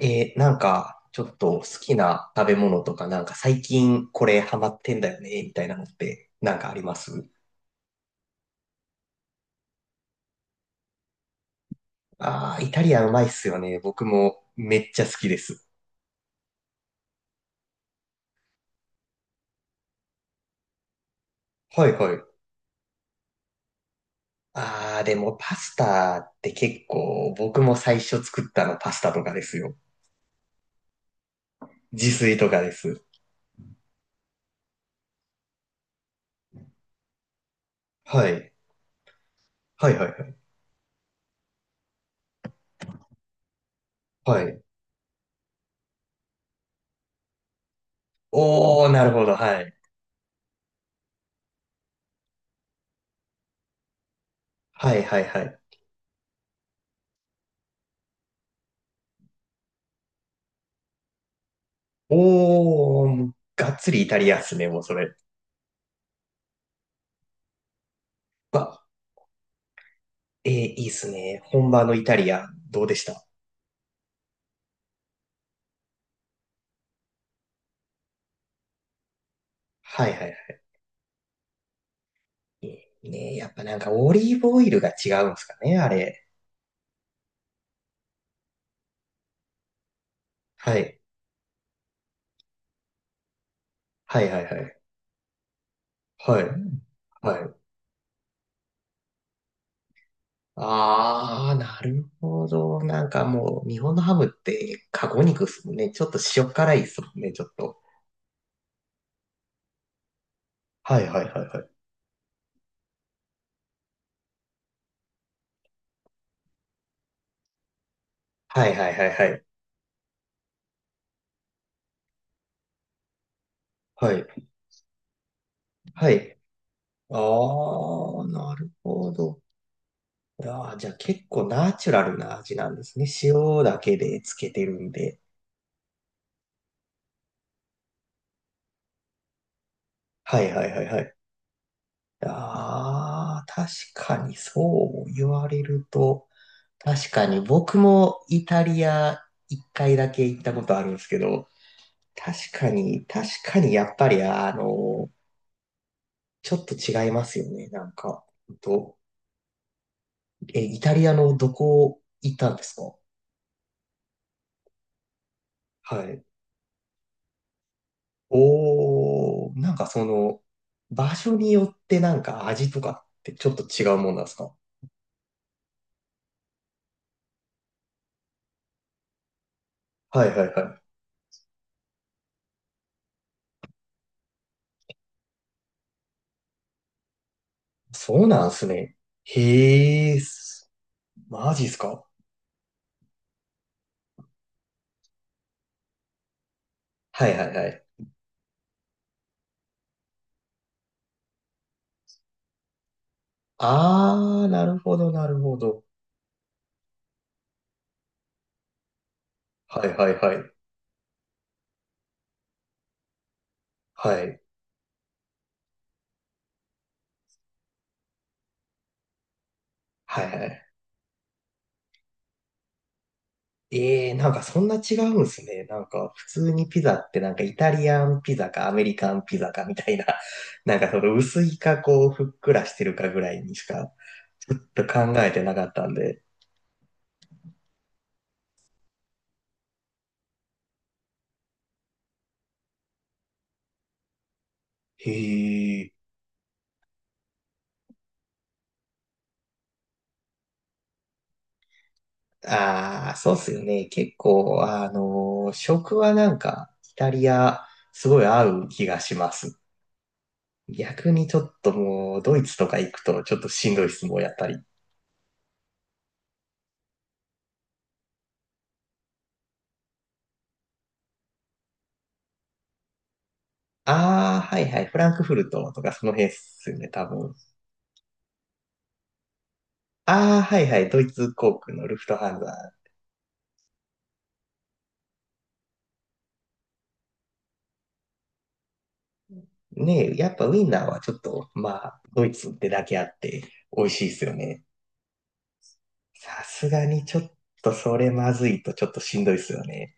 なんか、ちょっと好きな食べ物とか、なんか最近これハマってんだよね、みたいなのってなんかあります？ああー、イタリアンうまいっすよね。僕もめっちゃ好きです。はいはい。ああ、でもパスタって結構僕も最初作ったのパスタとかですよ。自炊とかです。はい。はいはいはい。はい。おー、なるほど。はい。はいはいはい。おー、がっつりイタリアンっすね、もうそれ。わいいっすね。本場のイタリア、どうでした？はいはいはい。ねえやっぱなんかオリーブオイルが違うんですかね、あれ。はい。はいはいはい。はい。はい。ああ、なるほど。なんかもう、日本のハムって、カゴ肉っすもんね。ちょっと塩辛いっすもんね、ちょっと。はいはいはいはい。はいはいはいはい。はい。はい。ああ、なるほど。あーじゃあ結構ナチュラルな味なんですね。塩だけでつけてるんで。はいはいはいはい。ああ、確かにそう言われると、確かに僕もイタリア一回だけ行ったことあるんですけど、確かに、確かにやっぱりあの、ちょっと違いますよね、なんか。ほんと、イタリアのどこ行ったんですか？はい。おー、なんかその、場所によってなんか味とかってちょっと違うもんなんですか？はいはいはい。そうなんですね。へえ、マジっすか？はいはいはい。あー、なるほど、なるほど。はいはいはい。はい。はいはい。ええー、なんかそんな違うんすね。なんか普通にピザってなんかイタリアンピザかアメリカンピザかみたいな、なんかその薄いかこうふっくらしてるかぐらいにしかちょっと考えてなかったんで。へえ。ああ、そうっすよね。結構、食はなんかイタリアすごい合う気がします。逆にちょっともう、ドイツとか行くとちょっとしんどいっす、もうやっぱり。ああ、はいはい、フランクフルトとかその辺っすよね、多分。ああ、はいはい、ドイツ航空のルフトハンザ。ねえ、やっぱウィンナーはちょっと、まあ、ドイツってだけあって美味しいっすよね。さすがにちょっとそれまずいとちょっとしんどいっすよね。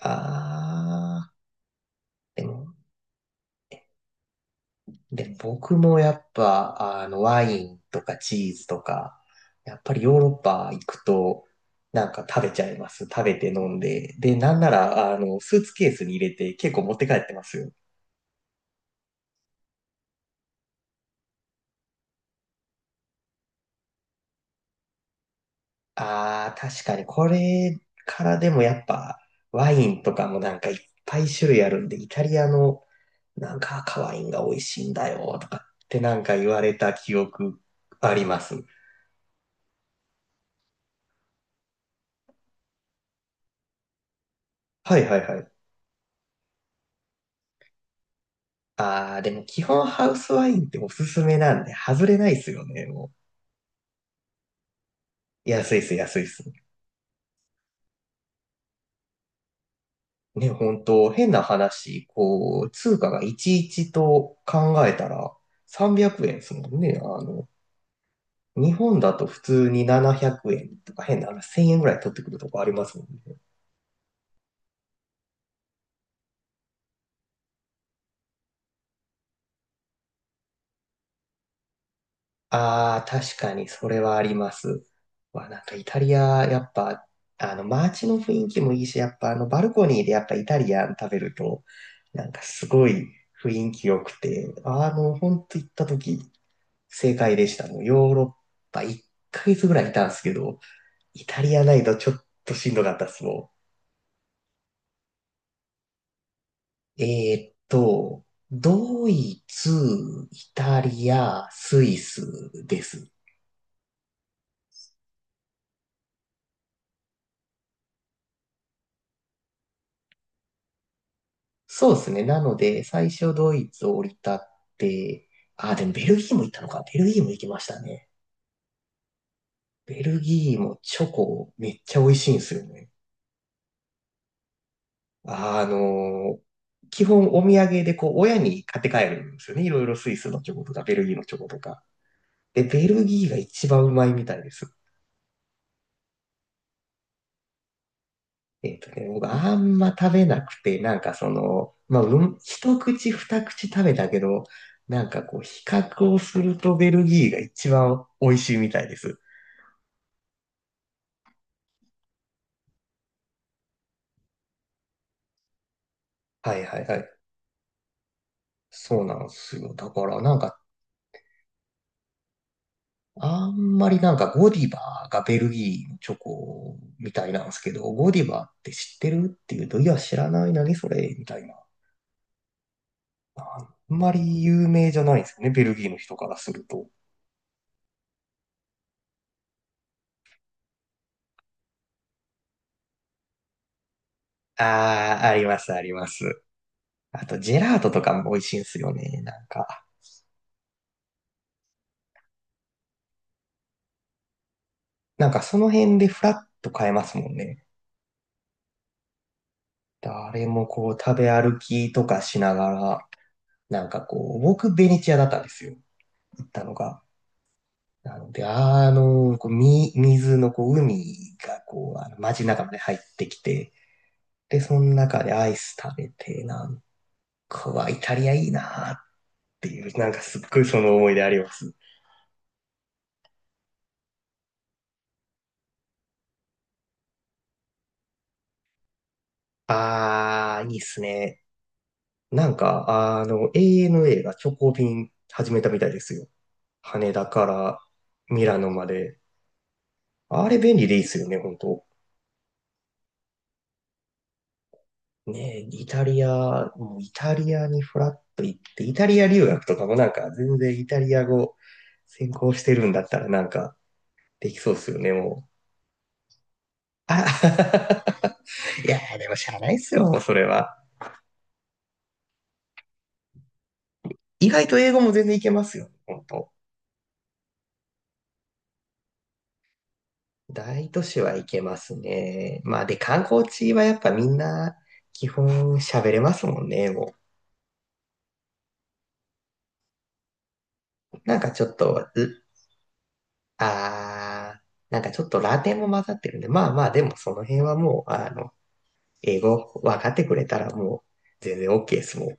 ああ、でも、で、僕もやっぱ、ワインとかチーズとか、やっぱりヨーロッパ行くと、なんか食べちゃいます。食べて飲んで。で、なんなら、スーツケースに入れて結構持って帰ってますよ。ああ、確かにこれからでもやっぱ、ワインとかもなんかいっぱい種類あるんで、イタリアのなんか赤ワインが美味しいんだよとかってなんか言われた記憶あります。はいはいはい。ああ、でも基本ハウスワインっておすすめなんで、外れないですよね、もう。安いっす、安いっす。ね、本当変な話、こう、通貨がいちいちと考えたら300円ですもんね。日本だと普通に700円とか変な話、1000円ぐらい取ってくるとこありますもんね。ああ、確かにそれはあります。わ、なんかイタリア、やっぱ、街の雰囲気もいいし、やっぱバルコニーでやっぱイタリアン食べると、なんかすごい雰囲気良くて、ほんと行った時、正解でした。もうヨーロッパ1ヶ月ぐらいいたんですけど、イタリアないとちょっとしんどかったっす、もん。ドイツ、イタリア、スイスです。そうですね。なので、最初ドイツを降り立って、あ、でもベルギーも行ったのか。ベルギーも行きましたね。ベルギーもチョコめっちゃ美味しいんですよね。あの、基本お土産でこう親に買って帰るんですよね。いろいろスイスのチョコとかベルギーのチョコとか。で、ベルギーが一番うまいみたいです。僕あんま食べなくて、なんかまあ、うん、一口二口食べたけど、なんかこう比較をするとベルギーが一番美味しいみたいです。はいはいはい。そうなんですよ。だからなんか、あんまりなんかゴディバがベルギーのチョコみたいなんですけど、ゴディバって知ってるっていうと、いや知らない、何それみたいな。あんまり有名じゃないんですよね、ベルギーの人からすると。ああ、あります、あります。あと、ジェラートとかも美味しいんですよね、なんか。なんかその辺でフラッと買えますもんね。誰もこう食べ歩きとかしながら、なんかこう、僕ベネチアだったんですよ、行ったのが。なので、こう、水の、こう、海が、こう、街の中まで入ってきて、で、その中でアイス食べて、なんかは、イタリアいいなーっていう、なんかすっごいその思い出あります。あー、いいっすね。なんか、ANA が直行便始めたみたいですよ。羽田からミラノまで。あれ便利でいいっすよね、本当。ねえ、イタリア、もうイタリアにフラッと行って、イタリア留学とかもなんか全然イタリア語専攻してるんだったらなんかできそうっすよね、もう。あ、いやー、でもしゃあないっすよ、もうそれは。意外と英語も全然いけますよ、本当。大都市はいけますね。まあで、観光地はやっぱみんな基本喋れますもんね、もう。なんかちょっと、う、あー、なんかちょっとラテンも混ざってるんで、まあまあでもその辺はもう、英語分かってくれたらもう全然 OK ですもん。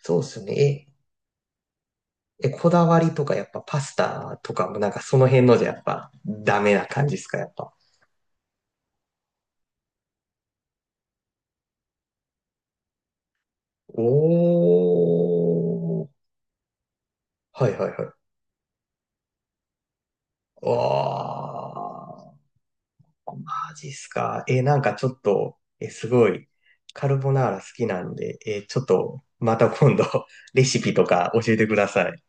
そうっすね。えこだわりとかやっぱパスタとかもなんかその辺のじゃやっぱダメな感じですか、やっぱ？おー。はいはいはい。わー。マジっすか。なんかちょっと、すごい、カルボナーラ好きなんで、ちょっとまた今度 レシピとか教えてください。